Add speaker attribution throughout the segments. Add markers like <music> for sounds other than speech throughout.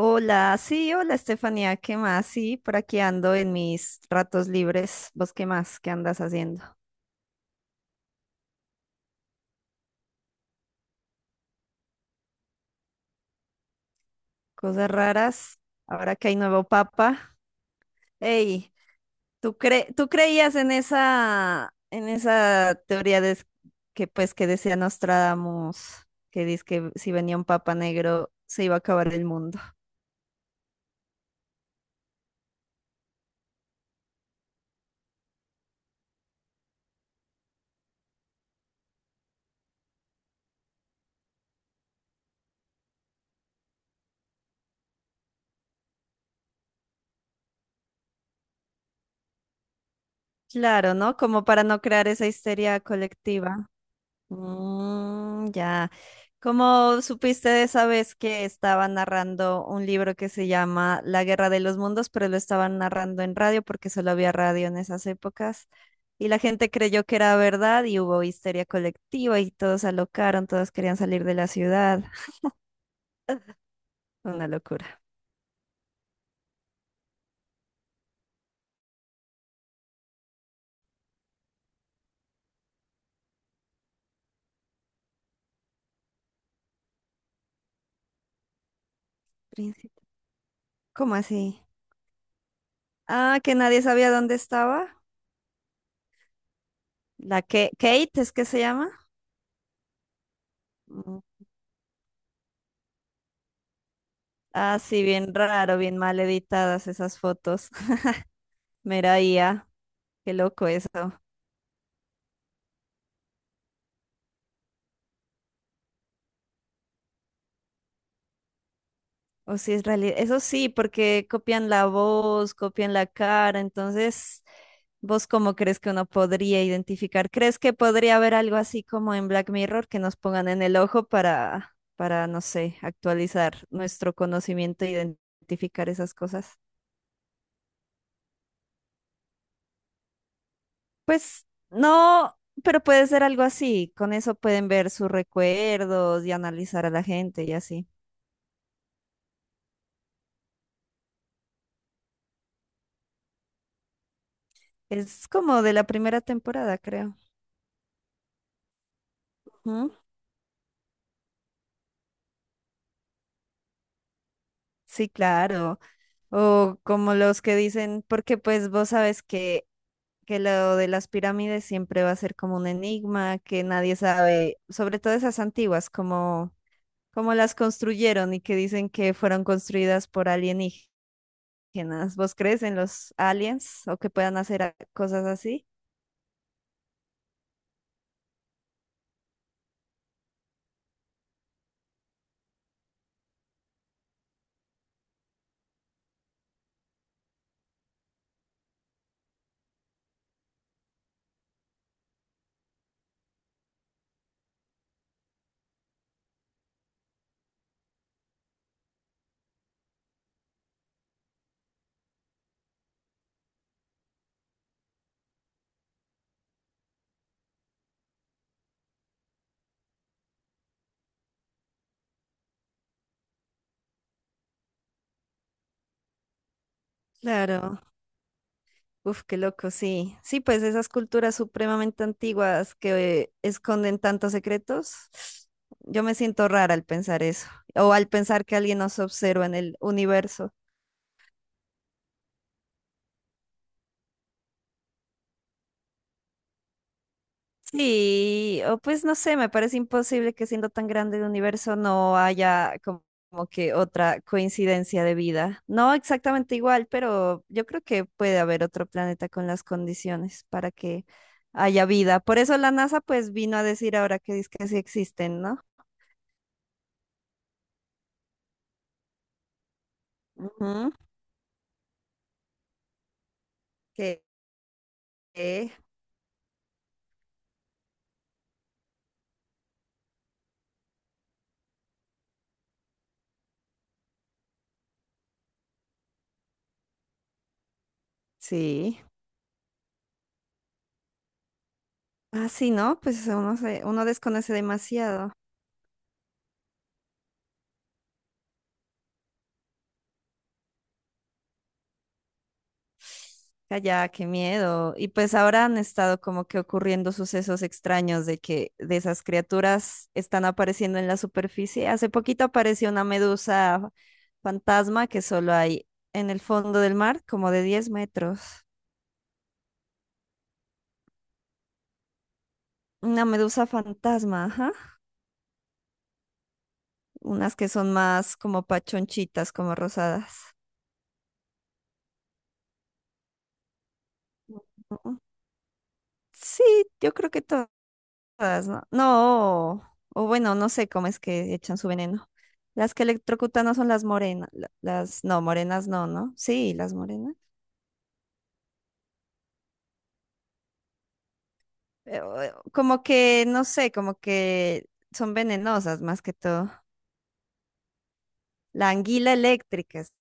Speaker 1: Hola, sí, hola Estefanía, ¿qué más? Sí, por aquí ando en mis ratos libres. ¿Vos qué más? ¿Qué andas haciendo? Cosas raras, ahora que hay nuevo papa. Ey, tú creías en esa teoría que pues que decía Nostradamus, que dice que si venía un papa negro se iba a acabar el mundo? Claro, ¿no? Como para no crear esa histeria colectiva. Ya. ¿Cómo supiste de esa vez que estaba narrando un libro que se llama La Guerra de los Mundos, pero lo estaban narrando en radio porque solo había radio en esas épocas? Y la gente creyó que era verdad y hubo histeria colectiva y todos se alocaron, todos querían salir de la ciudad. Una locura. Príncipe. ¿Cómo así? Ah, que nadie sabía dónde estaba. La que Kate es que se llama. Mm. Ah, sí, bien raro, bien mal editadas esas fotos. <laughs> Mera IA. Qué loco eso. O si es realidad. Eso sí, porque copian la voz, copian la cara. Entonces, ¿vos cómo crees que uno podría identificar? ¿Crees que podría haber algo así como en Black Mirror que nos pongan en el ojo no sé, actualizar nuestro conocimiento e identificar esas cosas? Pues no, pero puede ser algo así. Con eso pueden ver sus recuerdos y analizar a la gente y así. Es como de la primera temporada, creo. Ujú. Sí, claro. O como los que dicen, porque pues vos sabes que lo de las pirámides siempre va a ser como un enigma, que nadie sabe, sobre todo esas antiguas, como, como las construyeron y que dicen que fueron construidas por alienígenas. ¿Vos crees en los aliens o que puedan hacer cosas así? Claro. Uf, qué loco, sí. Sí, pues esas culturas supremamente antiguas que esconden tantos secretos, yo me siento rara al pensar eso, o al pensar que alguien nos observa en el universo. Sí, o pues no sé, me parece imposible que siendo tan grande el universo no haya como que otra coincidencia de vida. No exactamente igual, pero yo creo que puede haber otro planeta con las condiciones para que haya vida. Por eso la NASA pues vino a decir ahora que dice que sí existen, ¿no? Ujú, que que sí. Ah, sí, ¿no? Pues uno desconoce demasiado. Calla, qué miedo. Y pues ahora han estado como que ocurriendo sucesos extraños de que de esas criaturas están apareciendo en la superficie. Hace poquito apareció una medusa fantasma que solo hay en el fondo del mar, como de 10 metros. Una medusa fantasma, ajá. Unas que son más como pachonchitas, como rosadas. Ujú. Sí, yo creo que todas. Todas, ¿no? No, o bueno, no sé cómo es que echan su veneno. Las que electrocutan no son las morenas, las no, morenas no, ¿no? Sí, las morenas. Como que, no sé, como que son venenosas más que todo. La anguila eléctrica es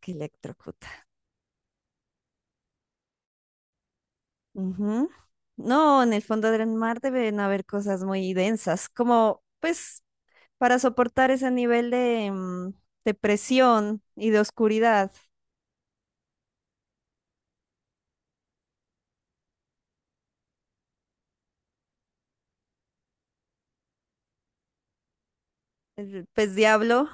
Speaker 1: que electrocuta. Ujú. No, en el fondo del mar deben haber cosas muy densas, como pues para soportar ese nivel de, de presión y de oscuridad. El pez diablo.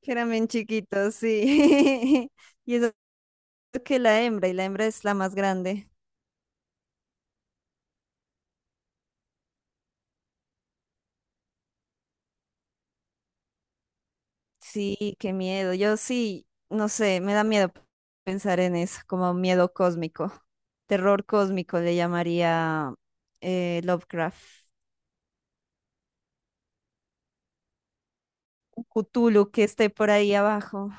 Speaker 1: Que eran bien chiquitos, sí. <laughs> Y eso que la hembra, y la hembra es la más grande. Sí, qué miedo. Yo sí, no sé, me da miedo pensar en eso, como miedo cósmico. Terror cósmico le llamaría Lovecraft. Un Cthulhu que esté por ahí abajo.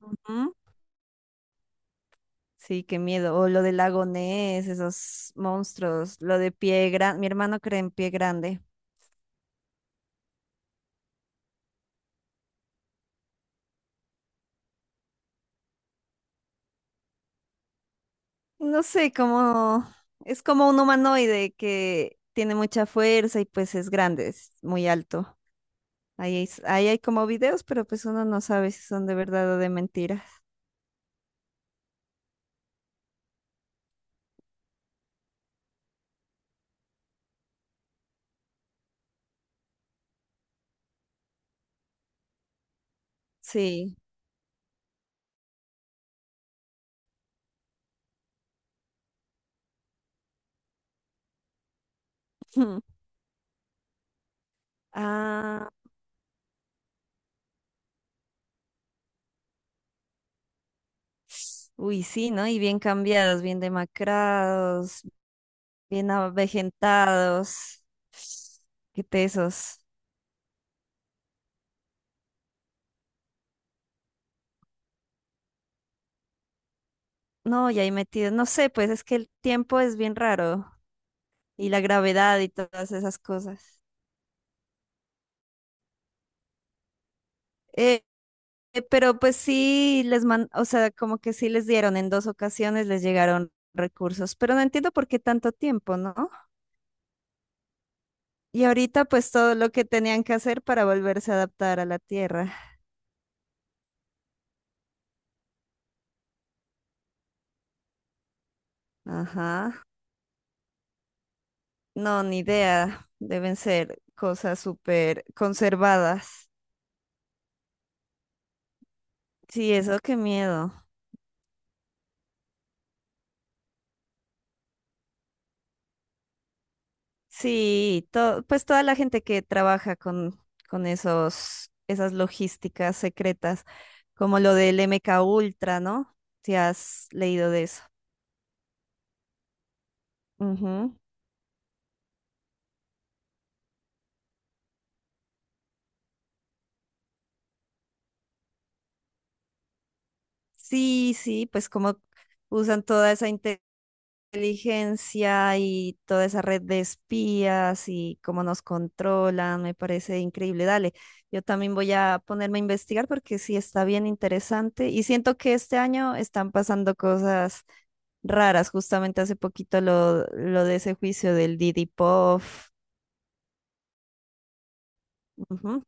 Speaker 1: Ujú. Sí, qué miedo. O lo del lago Ness, esos monstruos, lo de pie grande. Mi hermano cree en pie grande. No sé, como es como un humanoide que tiene mucha fuerza y pues es grande, es muy alto. Ahí hay como videos, pero pues uno no sabe si son de verdad o de mentiras. Sí. <laughs> Ah, uy, sí, ¿no? Y bien cambiados, bien demacrados, bien avejentados. Qué tesos. No, y ahí metidos. No sé, pues es que el tiempo es bien raro y la gravedad y todas esas cosas. Eh, Pero pues sí les man, o sea, como que sí les dieron en dos ocasiones, les llegaron recursos, pero no entiendo por qué tanto tiempo, ¿no? Y ahorita pues todo lo que tenían que hacer para volverse a adaptar a la Tierra. Ajá. No, ni idea. Deben ser cosas súper conservadas. Sí, eso, qué miedo. Sí, pues toda la gente que trabaja con esos, esas logísticas secretas, como lo del MK Ultra, ¿no? Si has leído de eso. Ujú. Sí, sí, pues como usan toda esa inteligencia y toda esa red de espías y cómo nos controlan, me parece increíble. Dale, yo también voy a ponerme a investigar porque sí está bien interesante y siento que este año están pasando cosas raras, justamente hace poquito lo de ese juicio del Didi Pop, ujú,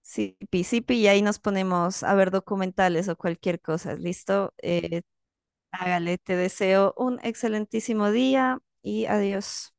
Speaker 1: sí, Sipi, Sipi, y ahí nos ponemos a ver documentales o cualquier cosa, ¿listo? Hágale, te deseo un excelentísimo día y adiós.